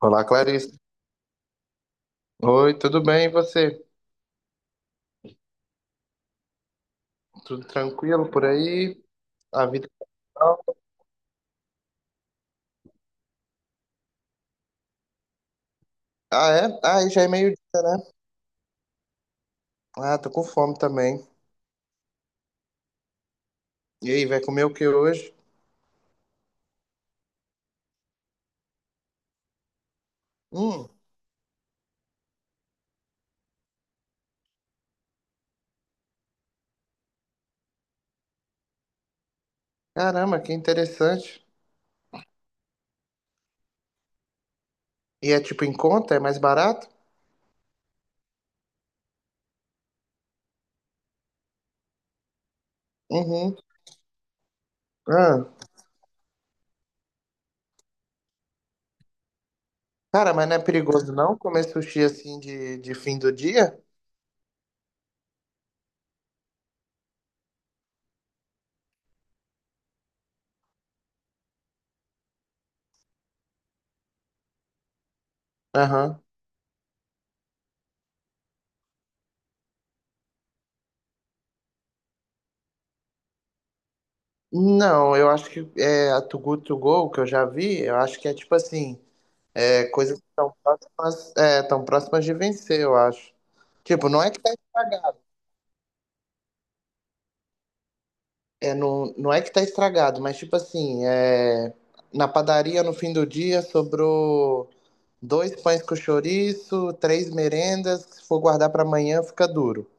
Olá, Clarice. Oi, tudo bem? E você? Tudo tranquilo por aí? A vida. É tal? Ah, é? Ah, aí já é meio. Ah, tô com fome também. E aí, vai comer o que hoje? Hum, caramba, que interessante. E é tipo em conta? É mais barato? Uhum. Ah, cara, mas não é perigoso não comer sushi assim de fim do dia? Aham. Não, eu acho que é a Too Good To Go que eu já vi. Eu acho que é tipo assim. É, coisas que estão próximas, é, tão próximas de vencer, eu acho. Tipo, não é que tá estragado. É, não, não é que tá estragado, mas tipo assim, é, na padaria no fim do dia sobrou dois pães com chouriço, três merendas, se for guardar pra amanhã fica duro.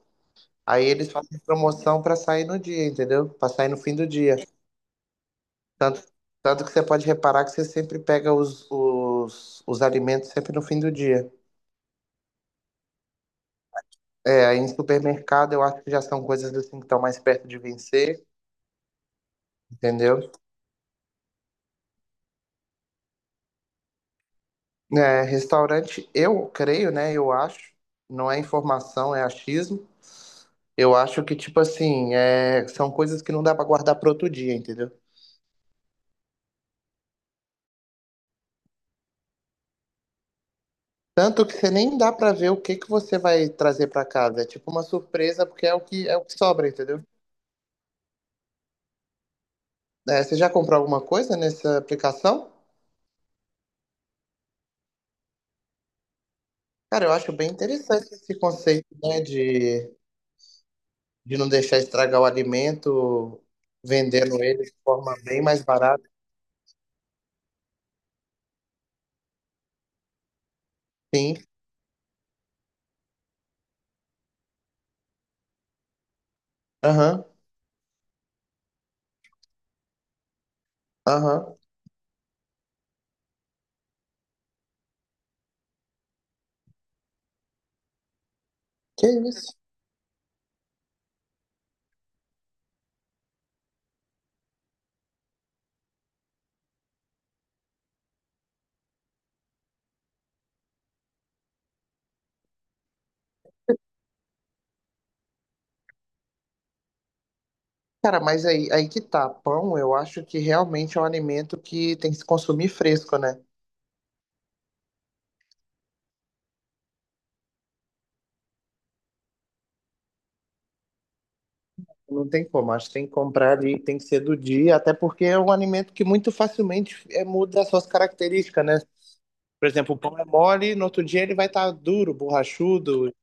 Aí eles fazem promoção pra sair no dia, entendeu? Pra sair no fim do dia. Tanto, tanto que você pode reparar que você sempre pega os alimentos sempre no fim do dia. É, aí em supermercado eu acho que já são coisas assim que estão mais perto de vencer, entendeu? É, restaurante, eu creio, né? Eu acho, não é informação, é achismo. Eu acho que, tipo assim, é, são coisas que não dá pra guardar para outro dia, entendeu? Tanto que você nem dá pra ver o que que você vai trazer pra casa. É tipo uma surpresa, porque é o que sobra, entendeu? É, você já comprou alguma coisa nessa aplicação? Cara, eu acho bem interessante esse conceito, né, de não deixar estragar o alimento, vendendo ele de forma bem mais barata. Sim, aham, aham. Que isso? Cara, mas aí, aí que tá. Pão, eu acho que realmente é um alimento que tem que se consumir fresco, né? Não tem como, acho que tem que comprar ali, tem que ser do dia, até porque é um alimento que muito facilmente é, muda as suas características, né? Por exemplo, o pão é mole, no outro dia ele vai estar duro, borrachudo.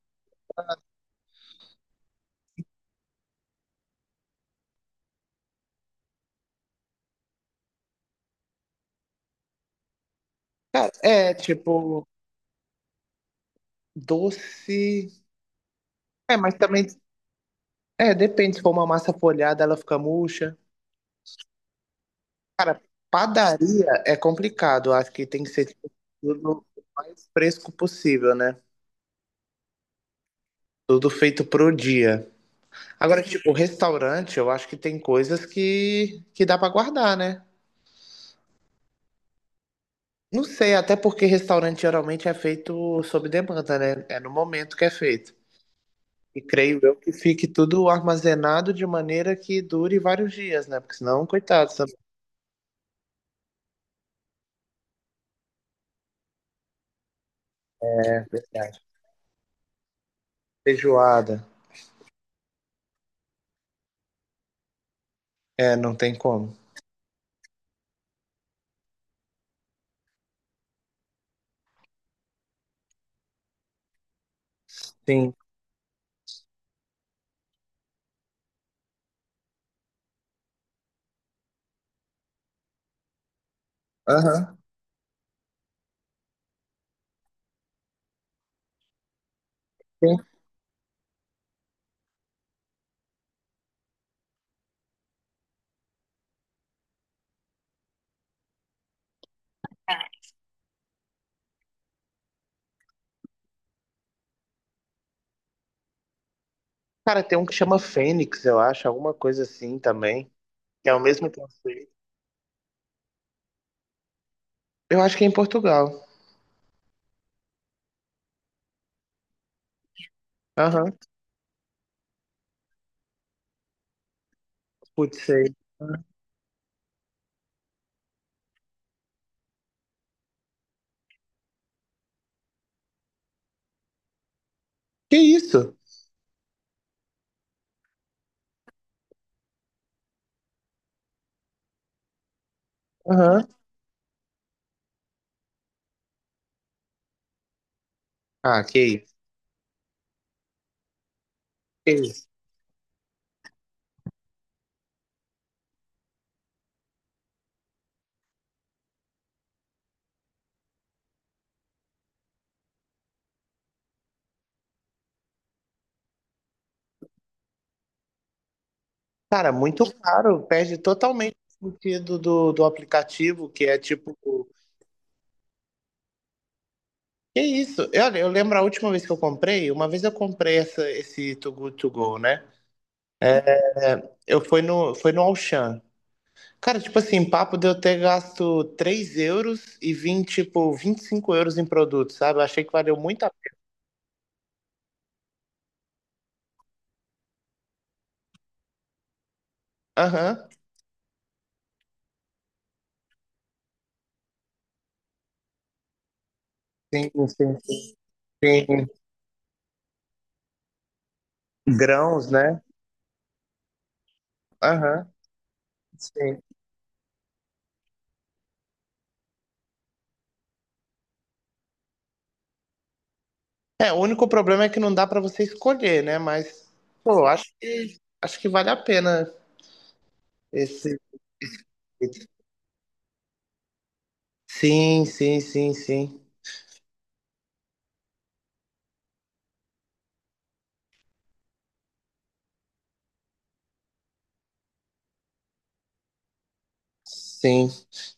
É, tipo, doce. É, mas também É, depende. Se for uma massa folhada, ela fica murcha. Cara, padaria é complicado. Acho que tem que ser tipo, tudo o mais fresco possível, né? Tudo feito pro dia. Agora, tipo, restaurante, eu acho que tem coisas que dá pra guardar, né? Não sei, até porque restaurante geralmente é feito sob demanda, né? É no momento que é feito. E creio eu que fique tudo armazenado de maneira que dure vários dias, né? Porque senão, coitado, também. É verdade. Feijoada. É, não tem como. Sim. Aham. Sim. Cara, tem um que chama Fênix, eu acho, alguma coisa assim também. Que é o mesmo conceito. Eu acho que é em Portugal. Aham. Putz, sei. Que isso? Aham. Ah, que isso. Que isso. Cara, muito caro. Perde totalmente o sentido do aplicativo, que é tipo. Que isso? Eu lembro a última vez que eu comprei, uma vez eu comprei essa, esse Too Good To Go, né? É, eu fui no, foi no Auchan. Cara, tipo assim, papo de eu ter gasto 3 euros e vim, tipo, 25 euros em produtos, sabe? Eu achei que valeu muito a pena. Aham, sim, sim, sim. Grãos, né? Aham, sim. É, o único problema é que não dá pra você escolher, né? Mas, pô, acho que vale a pena esse. Sim, sim, sim, sim. Sim.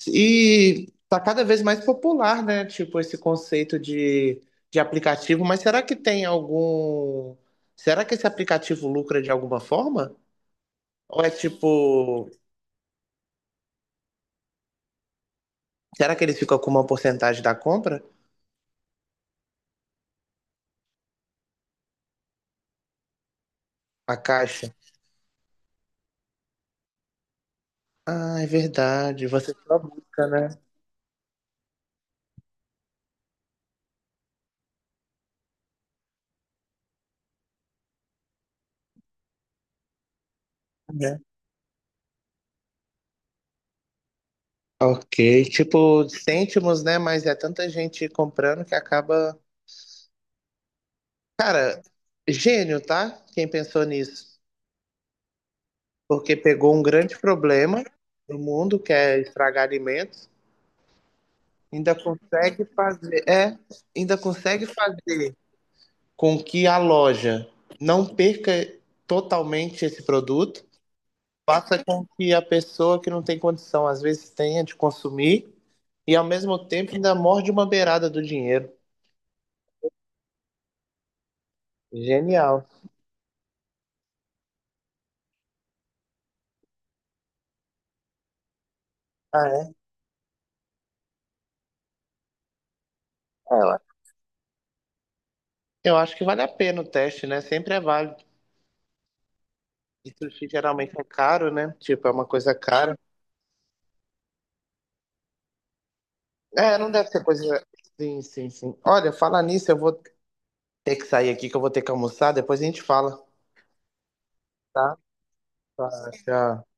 E tá cada vez mais popular, né? Tipo, esse conceito de aplicativo, mas será que tem algum. Será que esse aplicativo lucra de alguma forma? Ou é tipo. Será que ele fica com uma porcentagem da compra? A caixa? Ah, é verdade. Você só busca, né? É. Ok. Tipo, cêntimos, né? Mas é tanta gente comprando que acaba. Cara, gênio, tá? Quem pensou nisso? Porque pegou um grande problema do mundo, que é estragar alimentos, ainda consegue fazer, é, ainda consegue fazer com que a loja não perca totalmente esse produto, faça com que a pessoa que não tem condição às vezes tenha de consumir e ao mesmo tempo ainda morde uma beirada do dinheiro. Genial. Ah, é? É, eu acho- Eu acho que vale a pena o teste, né? Sempre é válido. E sushi geralmente é caro, né? Tipo, é uma coisa cara. É, não deve ser coisa. Sim, sim, sim. Olha, falar nisso, eu vou ter que sair aqui, que eu vou ter que almoçar, depois a gente fala, tá? Tá, tchau.